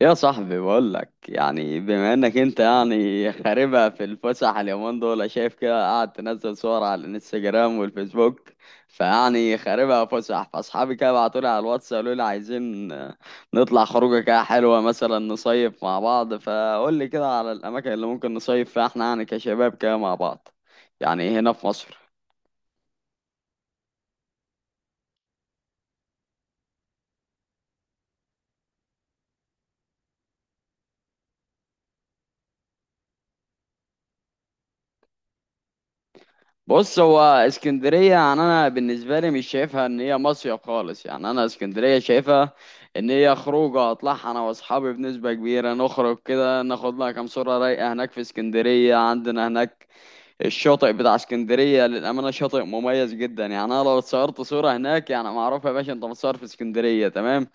يا صاحبي، بقول لك يعني بما انك انت يعني خاربها في الفسح اليومين دول، شايف كده؟ قاعد تنزل صور على الانستجرام والفيسبوك. فيعني خاربها فسح، فاصحابي كده بعتوا لي على الواتس قالوا لي عايزين نطلع خروجه كده حلوه، مثلا نصيف مع بعض. فقول لي كده على الاماكن اللي ممكن نصيف فيها احنا يعني كشباب كده مع بعض، يعني هنا في مصر. بص، هو اسكندرية يعني أنا بالنسبة لي مش شايفها إن هي مصيف خالص. يعني أنا اسكندرية شايفها إن هي خروجة أطلعها أنا وأصحابي بنسبة كبيرة، نخرج كده ناخد لها كام صورة رايقة هناك في اسكندرية. عندنا هناك الشاطئ بتاع اسكندرية للأمانة شاطئ مميز جدا. يعني أنا لو اتصورت صورة هناك يعني معروف يا باشا، أنت متصور في اسكندرية، تمام.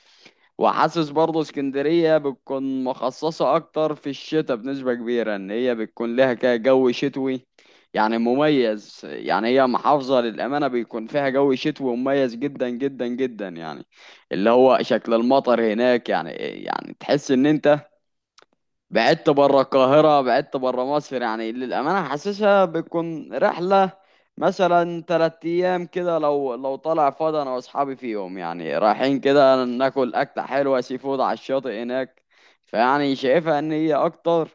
وحاسس برضه اسكندرية بتكون مخصصة أكتر في الشتاء بنسبة كبيرة، إن هي بتكون لها كده جو شتوي يعني مميز. يعني هي محافظة للأمانة بيكون فيها جو شتوي مميز جدا جدا جدا، يعني اللي هو شكل المطر هناك يعني إيه، يعني تحس إن أنت بعدت بره القاهرة، بعدت بره مصر. يعني للأمانة حاسسها بتكون رحلة مثلا 3 أيام كده، لو طالع فاضي أنا وأصحابي فيهم، يعني رايحين كده ناكل أكلة حلوة سي فود على الشاطئ هناك. فيعني شايفها إن هي أكتر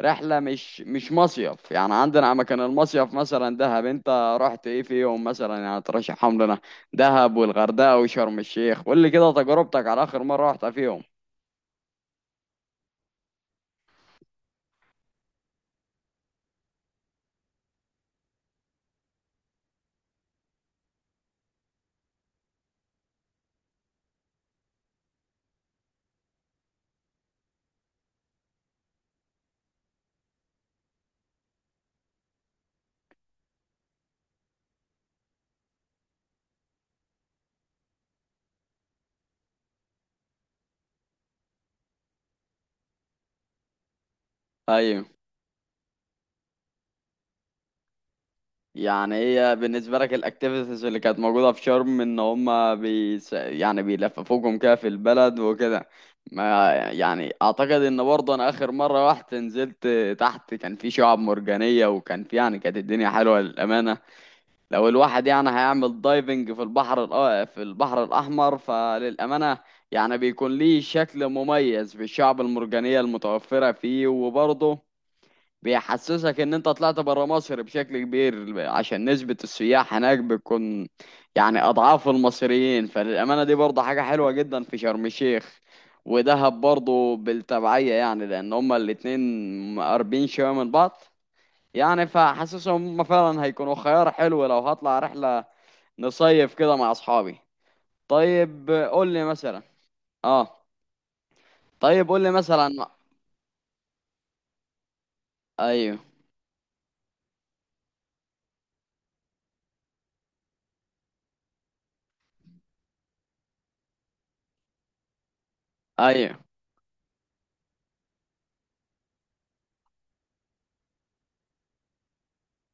رحلة، مش مصيف. يعني عندنا مكان المصيف مثلا دهب، أنت رحت إيه فيهم مثلا؟ يعني ترشحهم لنا. دهب والغردقة وشرم الشيخ، قول لي كده تجربتك على آخر مرة رحت فيهم. أيوه. يعني هي بالنسبة لك الأكتيفيتيز اللي كانت موجودة في شرم، إن هما يعني بيلففوكم كده في البلد وكده. ما يعني، أعتقد إن برضه أنا آخر مرة رحت نزلت تحت، كان في شعاب مرجانية، وكان في يعني كانت الدنيا حلوة للأمانة. لو الواحد يعني هيعمل دايفنج في البحر في البحر الأحمر، فللأمانة يعني بيكون ليه شكل مميز بالشعب المرجانية المتوفرة فيه. وبرضه بيحسسك ان انت طلعت برا مصر بشكل كبير، عشان نسبة السياح هناك بتكون يعني اضعاف المصريين. فللامانة دي برضه حاجة حلوة جدا في شرم الشيخ، ودهب برضه بالتبعية يعني، لان هما الاتنين قريبين شوية من بعض. يعني فحاسسهم هما فعلا هيكونوا خيار حلو لو هطلع رحلة نصيف كده مع اصحابي. طيب قول لي مثلا. اه. طيب قول لي مثلا. ايوه. ايوه.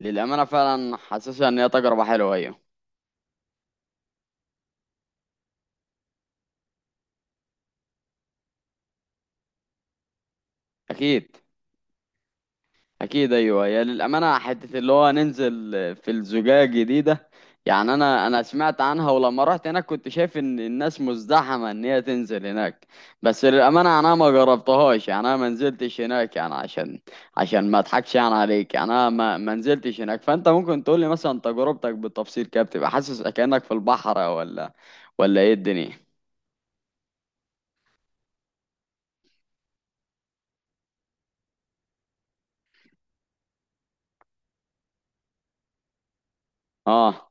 للامانة فعلا حاسسها ان هي تجربة حلوة، ايوه. اكيد. اكيد، ايوه. يا للامانه، حته اللي هو ننزل في الزجاجه دي ده. يعني انا سمعت عنها، ولما رحت هناك كنت شايف ان الناس مزدحمه ان هي تنزل هناك. بس للامانه انا ما جربتهاش، يعني انا ما نزلتش هناك، يعني عشان ما اضحكش يعني عليك. يعني انا ما نزلتش هناك. فانت ممكن تقول لي مثلا تجربتك بالتفصيل كده؟ بتبقى حاسس كانك في البحر، ولا ايه الدنيا؟ اه.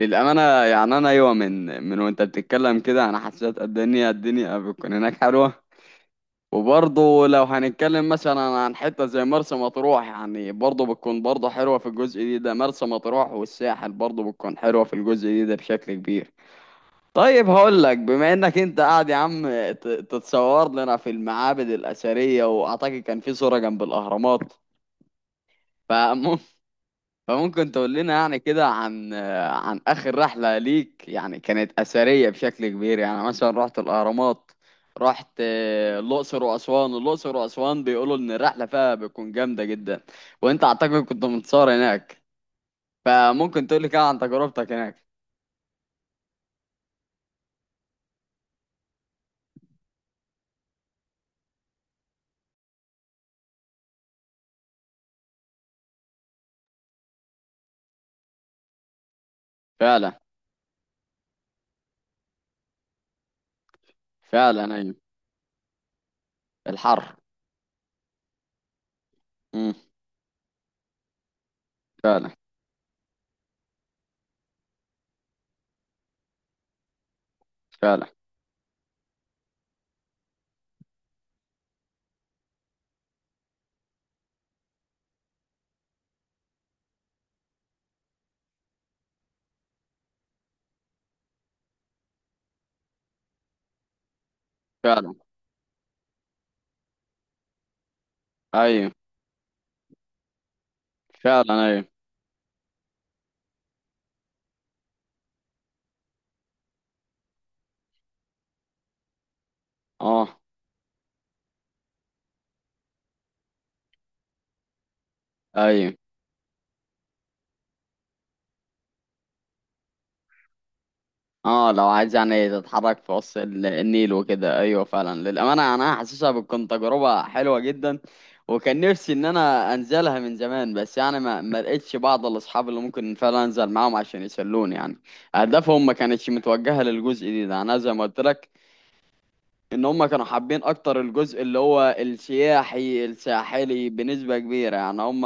للأمانة، يعني أنا أيوة، من وأنت بتتكلم كده أنا حسيت قد إن هي الدنيا بتكون هناك حلوة. وبرضه لو هنتكلم مثلا عن حتة زي مرسى مطروح، يعني برضه بتكون برضه حلوة في الجزء دي ده، مرسى مطروح والساحل برضه بتكون حلوة في الجزء دي ده بشكل كبير. طيب هقول لك، بما انك انت قاعد يا عم تتصور لنا في المعابد الأثرية، واعتقد كان في صورة جنب الأهرامات. فممكن فممكن تقول لنا يعني كده عن آخر رحلة ليك. يعني كانت أثرية بشكل كبير يعني، مثلا رحت الأهرامات، رحت الأقصر وأسوان. الأقصر وأسوان بيقولوا إن الرحلة فيها بتكون جامدة جدا، وأنت أعتقد كنت متصور هناك. فممكن تقول لي كده عن تجربتك هناك. فعلا. فعلا أيوه. الحر. امم فعلا. فعلا. فعلا أيوه. فعلا أيوه. أه. أيوه. اه، لو عايز يعني تتحرك في وسط النيل وكده، ايوه فعلا للامانه يعني انا حاسسها بتكون تجربه حلوه جدا. وكان نفسي ان انا انزلها من زمان، بس يعني ما لقيتش بعض الاصحاب اللي ممكن فعلا انزل معاهم عشان يسلوني يعني. اهدافهم ما كانتش متوجهه للجزء دي ده، انا زي ما قلت لك ان هم كانوا حابين اكتر الجزء اللي هو السياحي الساحلي بنسبة كبيرة. يعني هم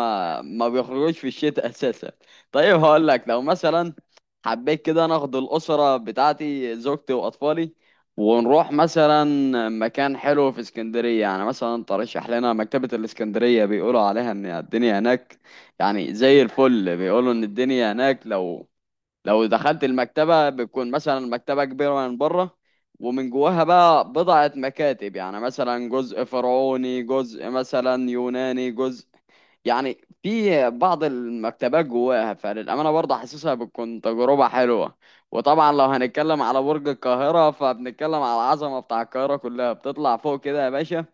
ما بيخرجوش في الشتاء اساسا. طيب هقول لك، لو مثلا حبيت كده ناخد الاسرة بتاعتي زوجتي واطفالي ونروح مثلا مكان حلو في اسكندرية. يعني مثلا ترشح لنا مكتبة الاسكندرية، بيقولوا عليها ان الدنيا هناك يعني زي الفل. بيقولوا ان الدنيا هناك، لو دخلت المكتبة بتكون مثلا المكتبة كبيرة من بره، ومن جواها بقى بضعة مكاتب، يعني مثلا جزء فرعوني، جزء مثلا يوناني، جزء يعني في بعض المكتبات جواها. فللأمانة برضه حاسسها بتكون تجربة حلوة. وطبعا لو هنتكلم على برج القاهرة فبنتكلم على العظمة بتاع القاهرة كلها، بتطلع فوق كده يا باشا،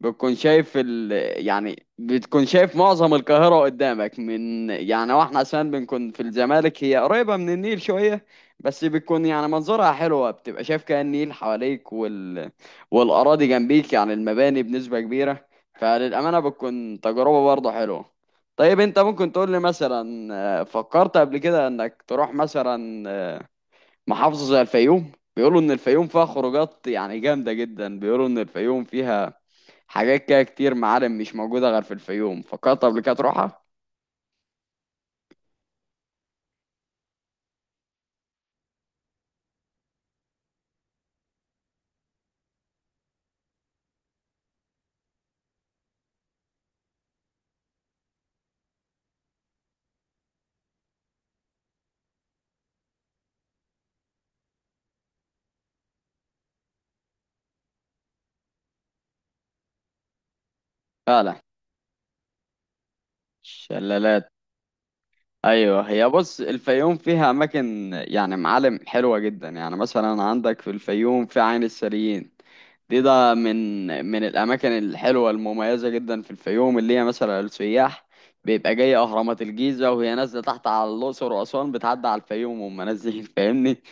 بتكون شايف يعني بتكون شايف معظم القاهرة قدامك. من يعني، واحنا عشان بنكون في الزمالك هي قريبة من النيل شوية، بس بتكون يعني منظرها حلوة، بتبقى شايف كأن النيل حواليك والأراضي جنبيك، يعني المباني بنسبة كبيرة. فللأمانة بتكون تجربة برضه حلوة. طيب انت ممكن تقول لي مثلا، فكرت قبل كده انك تروح مثلا محافظة زي الفيوم؟ بيقولوا ان الفيوم فيها خروجات يعني جامدة جدا، بيقولوا ان الفيوم فيها حاجات كده كتير، معالم مش موجودة غير في الفيوم. فكرت قبل كده تروحها؟ فعلا. شلالات. ايوه، هي بص الفيوم فيها اماكن يعني معالم حلوة جدا. يعني مثلا عندك في الفيوم في عين السريين. دي ده من الاماكن الحلوه المميزه جدا في الفيوم، اللي هي مثلا السياح بيبقى جاي اهرامات الجيزه وهي نازله تحت على الاقصر واسوان، بتعدي على الفيوم وهم نازلين فاهمني.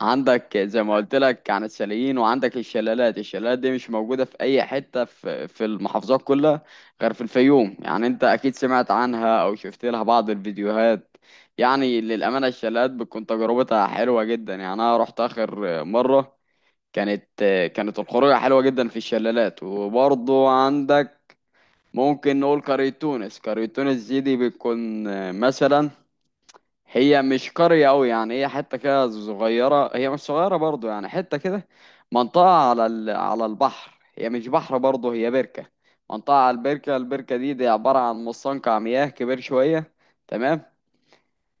عندك زي ما قلت لك عن الشاليين، وعندك الشلالات. الشلالات دي مش موجودة في أي حتة في المحافظات كلها غير في الفيوم. يعني أنت أكيد سمعت عنها أو شفت لها بعض الفيديوهات. يعني للأمانة الشلالات بتكون تجربتها حلوة جدا. يعني أنا رحت آخر مرة، كانت كانت الخروجة حلوة جدا في الشلالات. وبرضه عندك، ممكن نقول قرية تونس. قرية تونس دي بتكون مثلا، هي مش قرية أوي يعني، هي حتة كده صغيرة، هي مش صغيرة برضو يعني، حتة كده منطقة على على البحر. هي مش بحر برضو، هي بركة. منطقة على البركة. البركة دي عبارة عن مستنقع مياه كبير شوية. تمام.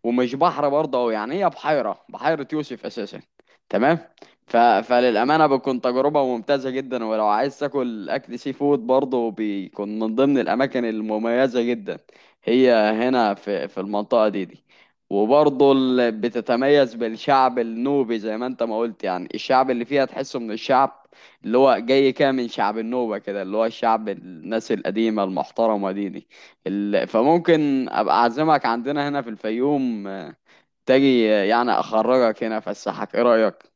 ومش بحر برضه أوي، يعني هي بحيرة، بحيرة يوسف أساسا. تمام. فللأمانة بتكون تجربة ممتازة جدا، ولو عايز تاكل أكل سي فود برضه بيكون من ضمن الأماكن المميزة جدا هي هنا في المنطقة دي. وبرضه بتتميز بالشعب النوبي زي ما انت ما قلت. يعني الشعب اللي فيها تحسه من الشعب اللي هو جاي كده من شعب النوبة كده، اللي هو الشعب الناس القديمة المحترمة دي. فممكن ابقى اعزمك عندنا هنا في الفيوم، تجي يعني اخرجك هنا افسحك. ايه رايك؟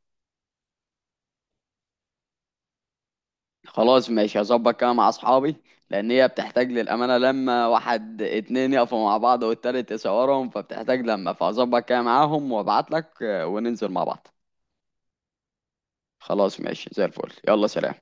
خلاص ماشي، هظبط كده مع اصحابي. لان هي بتحتاج للامانه لما واحد اتنين يقفوا مع بعض والتالت يصورهم، فبتحتاج لما، فهظبط كده معاهم وابعت لك، وننزل مع بعض. خلاص ماشي، زي الفل. يلا سلام.